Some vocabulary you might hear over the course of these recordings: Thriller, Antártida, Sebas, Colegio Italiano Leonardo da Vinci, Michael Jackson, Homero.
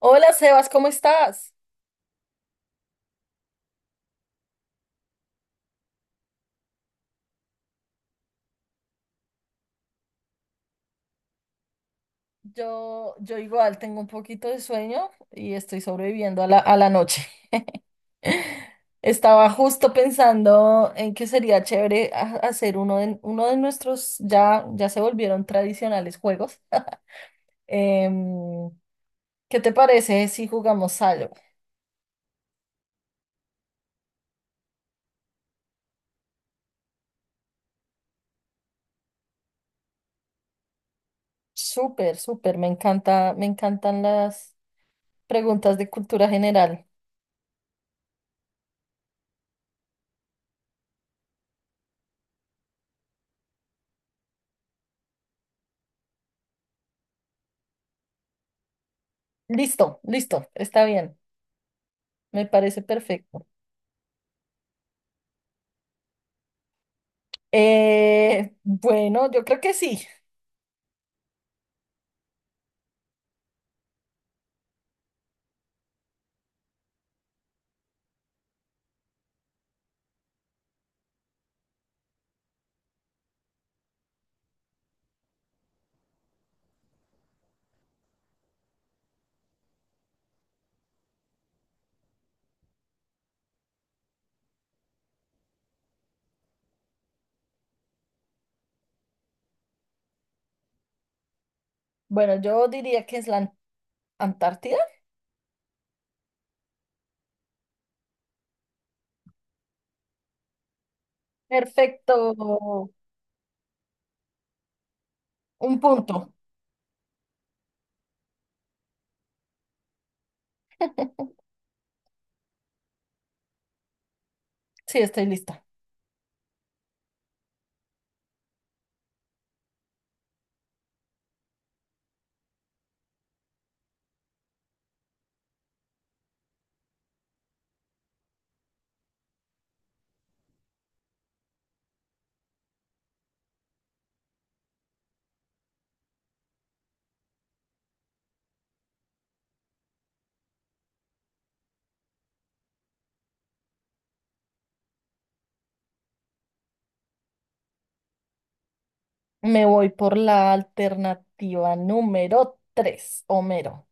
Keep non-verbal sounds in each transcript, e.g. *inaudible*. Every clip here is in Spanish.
Hola Sebas, ¿cómo estás? Yo igual tengo un poquito de sueño y estoy sobreviviendo a la noche. *laughs* Estaba justo pensando en que sería chévere hacer uno de nuestros, ya se volvieron tradicionales juegos. Em, ¿Qué te parece si jugamos algo? Súper, súper, me encanta, me encantan las preguntas de cultura general. Listo, listo, está bien, me parece perfecto. Bueno, yo creo que sí. Bueno, yo diría que es la Antártida. Perfecto. Un punto. Sí, estoy lista. Me voy por la alternativa número 3, Homero.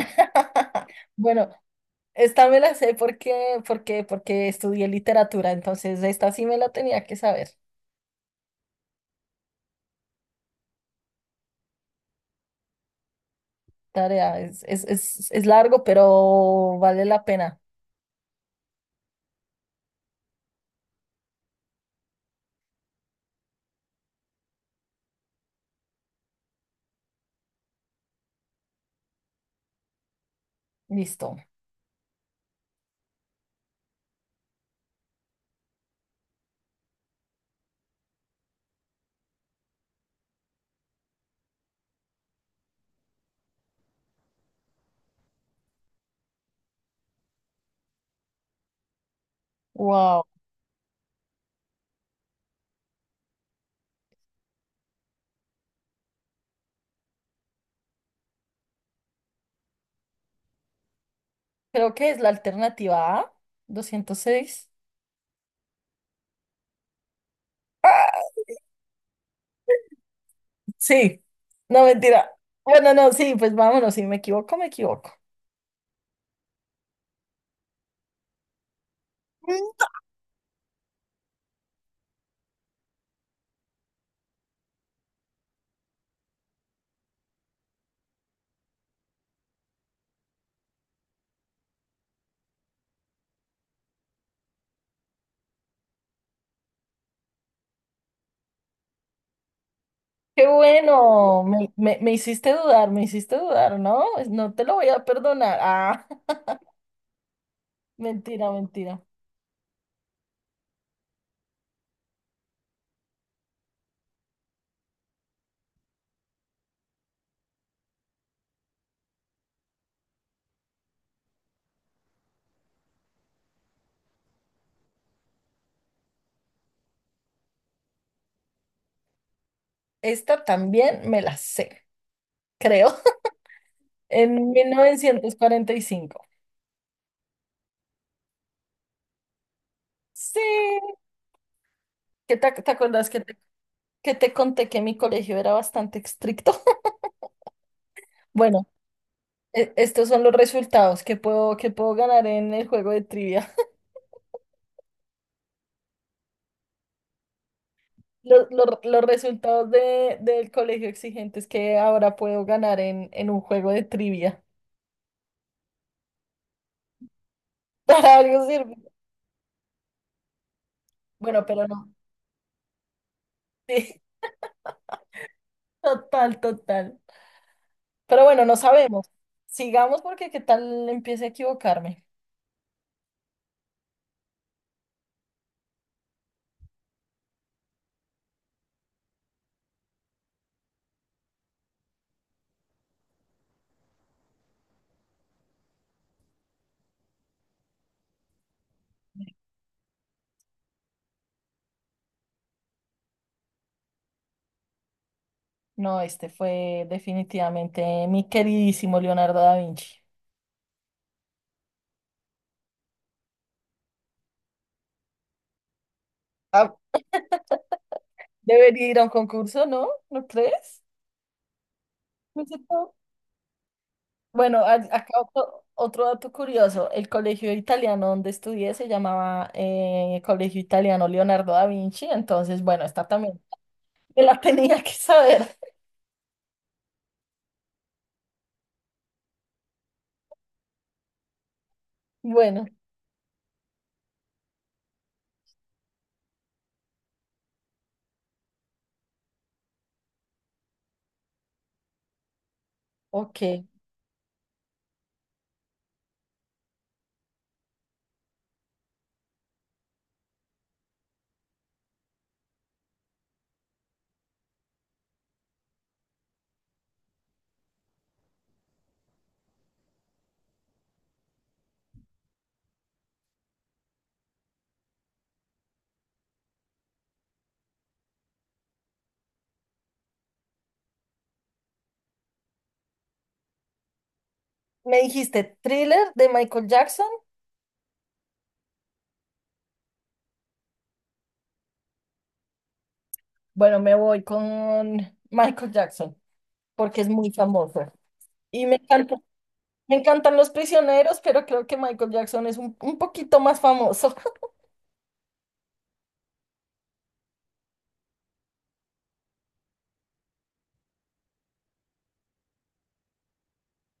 *laughs* Bueno, esta me la sé porque estudié literatura, entonces esta sí me la tenía que saber. Tarea, es largo, pero vale la pena. Listo. Wow. Creo que es la alternativa A, 206. Sí, no mentira. Bueno, no, sí, pues vámonos, si me equivoco, me equivoco. Mm. Qué bueno, me hiciste dudar, ¿no? No te lo voy a perdonar. Ah, *laughs* mentira, mentira. Esta también me la sé, creo, en 1945. Sí, ¿qué te acuerdas que te conté que mi colegio era bastante estricto? *laughs* Bueno, estos son los resultados que que puedo ganar en el juego de trivia. Los resultados del colegio exigentes que ahora puedo ganar en un juego de trivia. *laughs* Para algo sirve. Bueno, pero no. *laughs* Sí, total, total. Pero bueno, no sabemos. Sigamos porque qué tal empiece a equivocarme. No, este fue definitivamente mi queridísimo Leonardo da Vinci. Ah, debería ir a un concurso, ¿no? ¿No crees? Bueno, acá otro, otro dato curioso. El colegio italiano donde estudié se llamaba Colegio Italiano Leonardo da Vinci. Entonces, bueno, está también *laughs* me la tenía que saber. Bueno, ok. Me dijiste Thriller de Michael Jackson. Bueno, me voy con Michael Jackson porque es muy famoso. Y me encantan los prisioneros, pero creo que Michael Jackson es un poquito más famoso.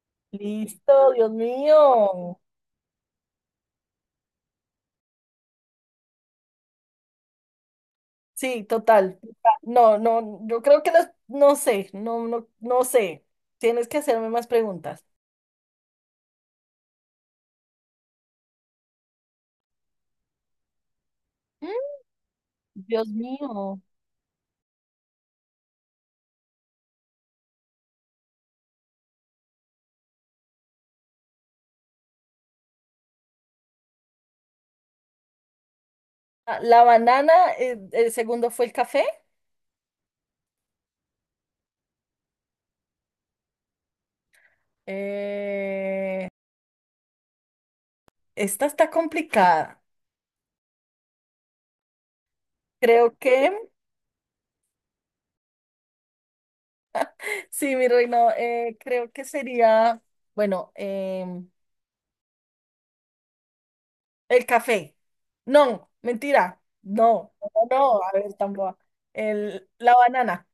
*laughs* Listo, Dios mío. Sí, total. Total. No, no, yo creo que no sé, no sé. Tienes que hacerme más preguntas. Mm, Dios mío. Ah, la banana, el segundo fue el café. Eh, esta está complicada. Creo que, *laughs* sí, mi reino, creo que sería, bueno, em, el café. No, mentira. No, no, no, a ver, tampoco. El, la banana.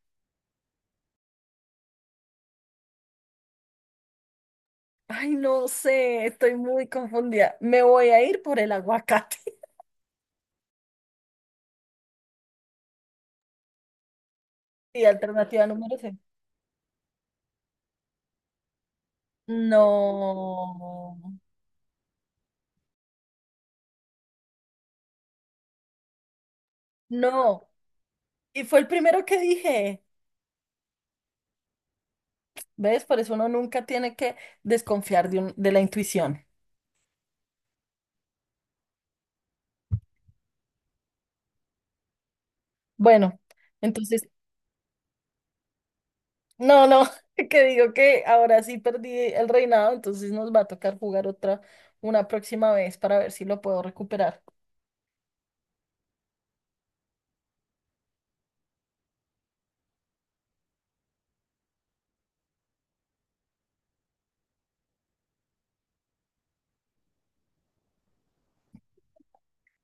Ay, no sé, estoy muy confundida. Me voy a ir por el aguacate. *laughs* Y alternativa número C. No, no. Y fue el primero que dije. ¿Ves? Por eso uno nunca tiene que desconfiar de la intuición. Bueno, entonces, no, no, *laughs* que digo que ahora sí perdí el reinado, entonces nos va a tocar jugar otra, una próxima vez para ver si lo puedo recuperar.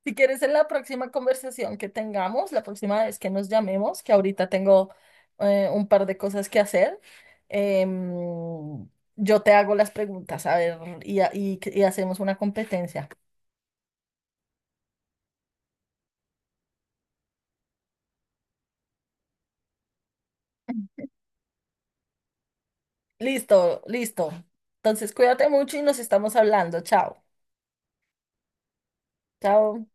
Si quieres, en la próxima conversación que tengamos, la próxima vez que nos llamemos, que ahorita tengo un par de cosas que hacer, em, yo te hago las preguntas, a ver, y, y hacemos una competencia. Listo, listo. Entonces, cuídate mucho y nos estamos hablando. Chao, chao.